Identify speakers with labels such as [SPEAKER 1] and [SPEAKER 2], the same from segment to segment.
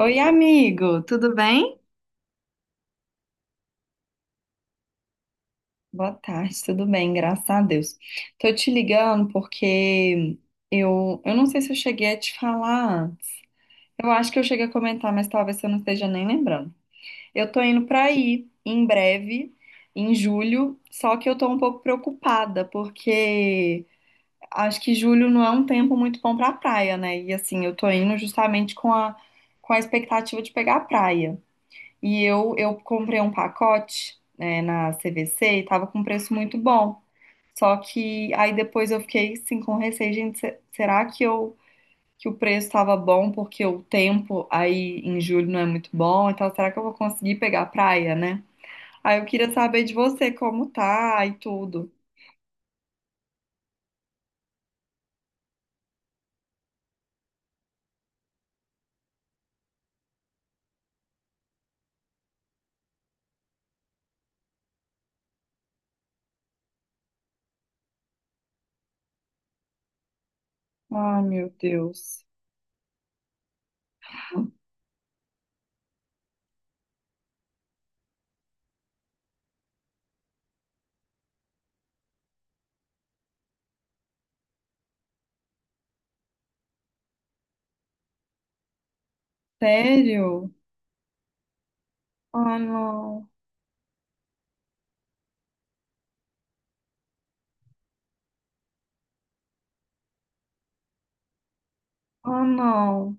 [SPEAKER 1] Oi, amigo, tudo bem? Boa tarde, tudo bem? Graças a Deus. Tô te ligando porque eu não sei se eu cheguei a te falar antes. Eu acho que eu cheguei a comentar, mas talvez você não esteja nem lembrando. Eu tô indo pra aí em breve, em julho, só que eu tô um pouco preocupada porque acho que julho não é um tempo muito bom pra praia, né? E assim, eu tô indo justamente com a expectativa de pegar a praia. E eu comprei um pacote, né, na CVC e tava com um preço muito bom. Só que aí depois eu fiquei assim com receio, gente, será que eu que o preço tava bom porque o tempo aí em julho não é muito bom, então será que eu vou conseguir pegar a praia, né? Aí eu queria saber de você como tá e tudo. Ai, meu Deus. Sério? Ah, não. Ah, não.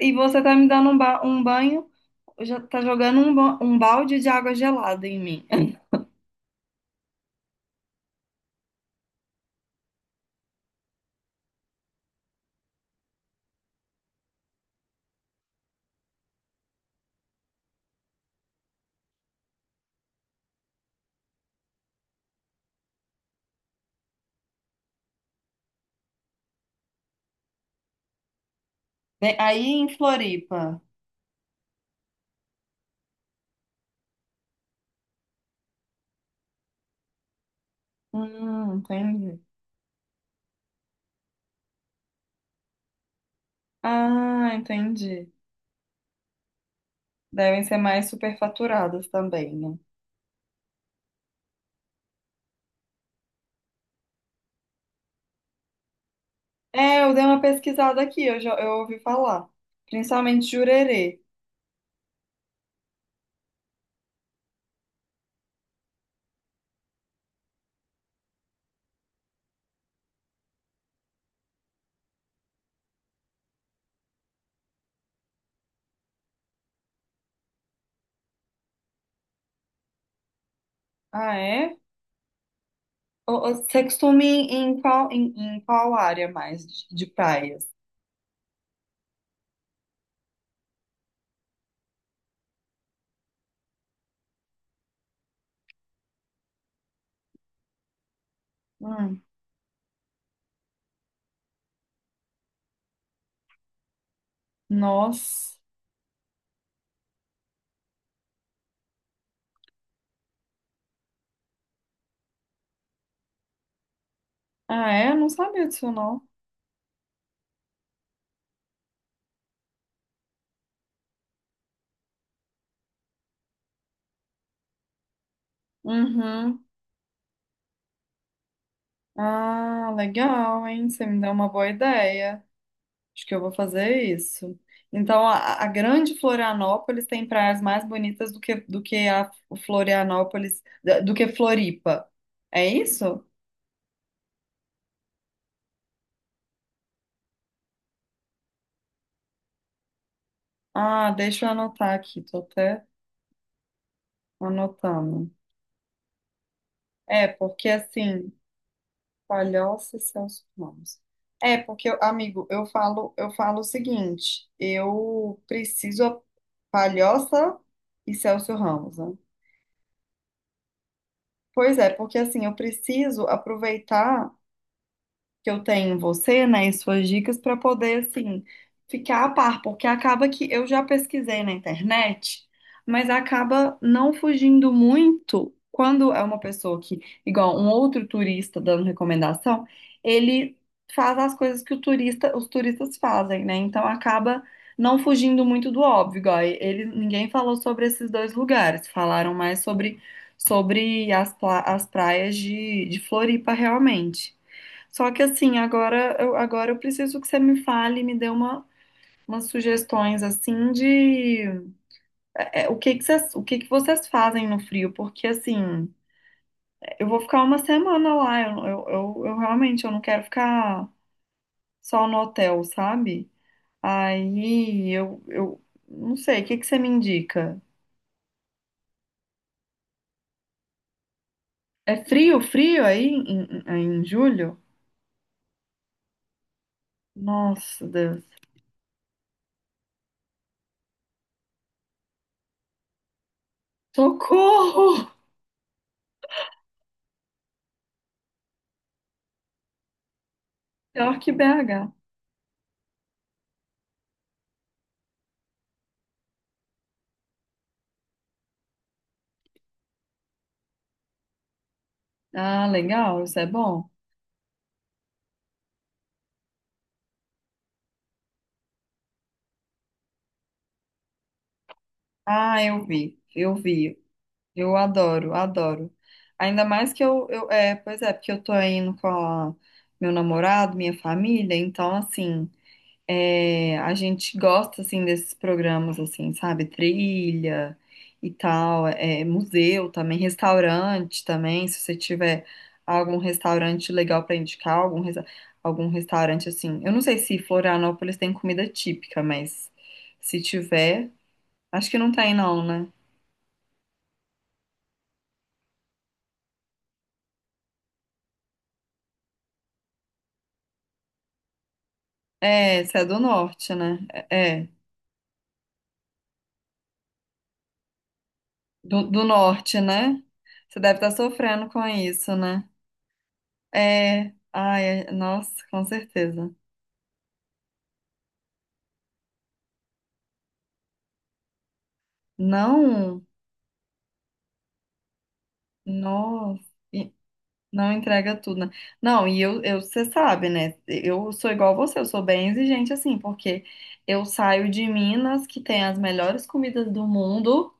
[SPEAKER 1] E você tá me dando um banho. Eu já tá jogando um balde de água gelada em mim. Né? Aí em Floripa. Entendi. Ah, entendi. Devem ser mais superfaturadas também, né? É, eu dei uma pesquisada aqui, eu já eu ouvi falar. Principalmente Jurerê. Ah, é? Você costuma ir em qual, em qual área mais de praias? Hum, nossa. Ah, é? Eu não sabia disso, não. Uhum. Ah, legal, hein? Você me deu uma boa ideia. Acho que eu vou fazer isso. Então, a grande Florianópolis tem praias mais bonitas do que, a Florianópolis, do que Floripa. É isso? Ah, deixa eu anotar aqui, tô até anotando. É, porque assim, Palhoça e Celso Ramos. É, porque, amigo, eu falo o seguinte, eu preciso a Palhoça e Celso Ramos, né? Pois é, porque assim, eu preciso aproveitar que eu tenho em você, né, e suas dicas para poder assim ficar a par, porque acaba que eu já pesquisei na internet, mas acaba não fugindo muito quando é uma pessoa que, igual um outro turista dando recomendação, ele faz as coisas que o turista, os turistas fazem, né? Então acaba não fugindo muito do óbvio, igual ele, ninguém falou sobre esses dois lugares, falaram mais sobre as praias de Floripa realmente. Só que assim, agora eu preciso que você me fale, me dê umas sugestões assim de o que que vocês fazem no frio, porque assim, eu vou ficar uma semana lá, eu realmente eu não quero ficar só no hotel, sabe? Aí eu não sei, o que que você me indica? É frio, frio aí em julho? Nossa, Deus. Socorro! Pior que BH. Ah, legal, isso é bom. Ah, eu vi, eu vi. Eu adoro, adoro. Ainda mais que eu pois é, porque eu tô indo meu namorado, minha família, então assim, é, a gente gosta assim desses programas assim, sabe? Trilha e tal, museu também, restaurante também, se você tiver algum restaurante legal pra indicar, algum restaurante assim. Eu não sei se Florianópolis tem comida típica, mas se tiver, acho que não tem não, né? É, você é do norte, né? É, é, do norte, né? Você deve estar sofrendo com isso, né? É, ai, nossa, com certeza. Não, nossa, e- não entrega tudo, né? Não, e eu, você sabe, né? Eu sou igual a você, eu sou bem exigente assim, porque eu saio de Minas, que tem as melhores comidas do mundo.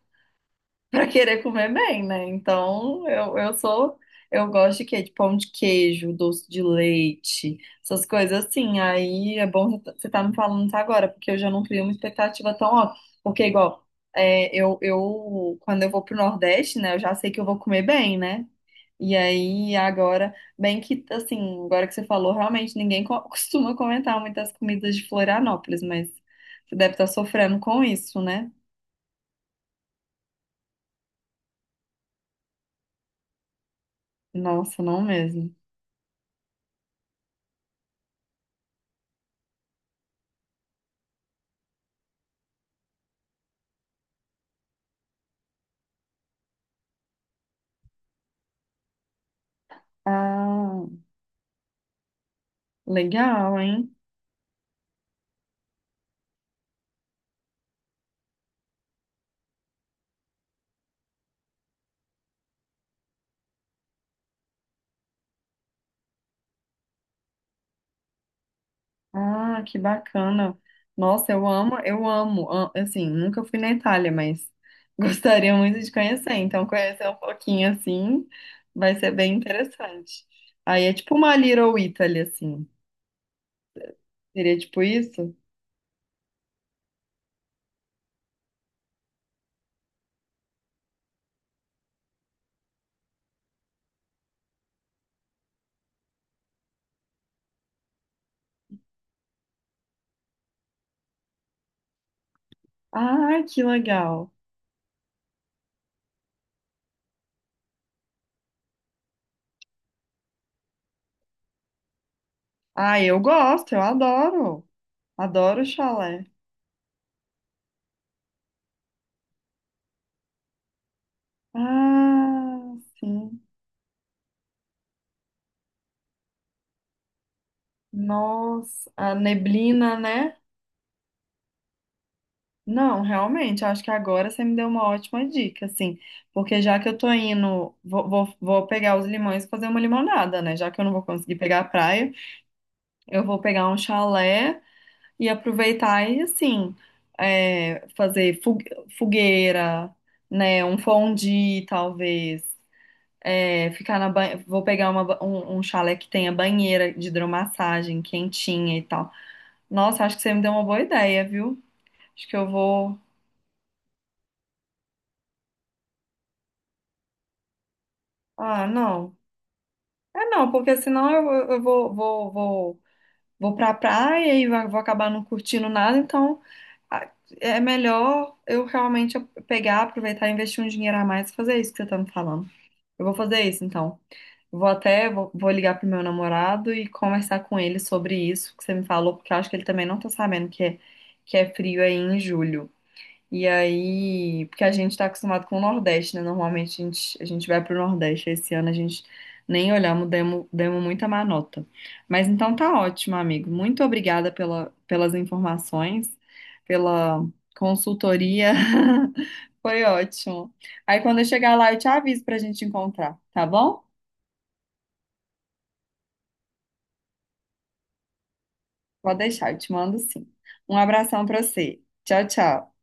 [SPEAKER 1] Para querer comer bem, né? Então, eu sou. Eu gosto de quê? De pão de queijo, doce de leite, essas coisas assim. Aí é bom você tá me falando isso agora, porque eu já não crio uma expectativa tão alta. Porque, igual, eu, quando eu vou pro Nordeste, né, eu já sei que eu vou comer bem, né? E aí, agora, bem que, assim, agora que você falou, realmente ninguém costuma comentar muitas comidas de Florianópolis, mas você deve estar sofrendo com isso, né? Nossa, não mesmo. Ah. Legal, hein? Ah, que bacana. Nossa, eu amo, eu amo. Assim, nunca fui na Itália, mas gostaria muito de conhecer. Então, conhecer um pouquinho assim vai ser bem interessante. Aí é tipo uma Little Italy, assim. Seria tipo isso? Ah, que legal. Ah, eu gosto, eu adoro. Adoro chalé. Ah, sim. Nossa, a neblina, né? Não, realmente, acho que agora você me deu uma ótima dica, assim, porque já que eu tô indo, vou pegar os limões e fazer uma limonada, né? Já que eu não vou conseguir pegar a praia, eu vou pegar um chalé e aproveitar e, assim, fazer fogueira, né? Um fondue, talvez. É, Vou pegar um chalé que tenha banheira de hidromassagem quentinha e tal. Nossa, acho que você me deu uma boa ideia, viu? Acho que eu vou. Ah, não. É não, porque senão eu vou pra praia e vou acabar não curtindo nada, então a- é melhor eu realmente pegar, aproveitar e investir um dinheiro a mais e fazer isso que você tá me falando. Eu vou fazer isso, então. Vou ligar pro meu namorado e conversar com ele sobre isso que você me falou, porque eu acho que ele também não tá sabendo que é, frio aí em julho. E aí, porque a gente está acostumado com o Nordeste, né? Normalmente a gente vai para o Nordeste. Esse ano a gente nem olhamos, demos muita má nota. Mas então tá ótimo, amigo. Muito obrigada pelas informações, pela consultoria. Foi ótimo. Aí quando eu chegar lá, eu te aviso para a gente encontrar, tá bom? Pode deixar, eu te mando sim. Um abração para você. Tchau, tchau.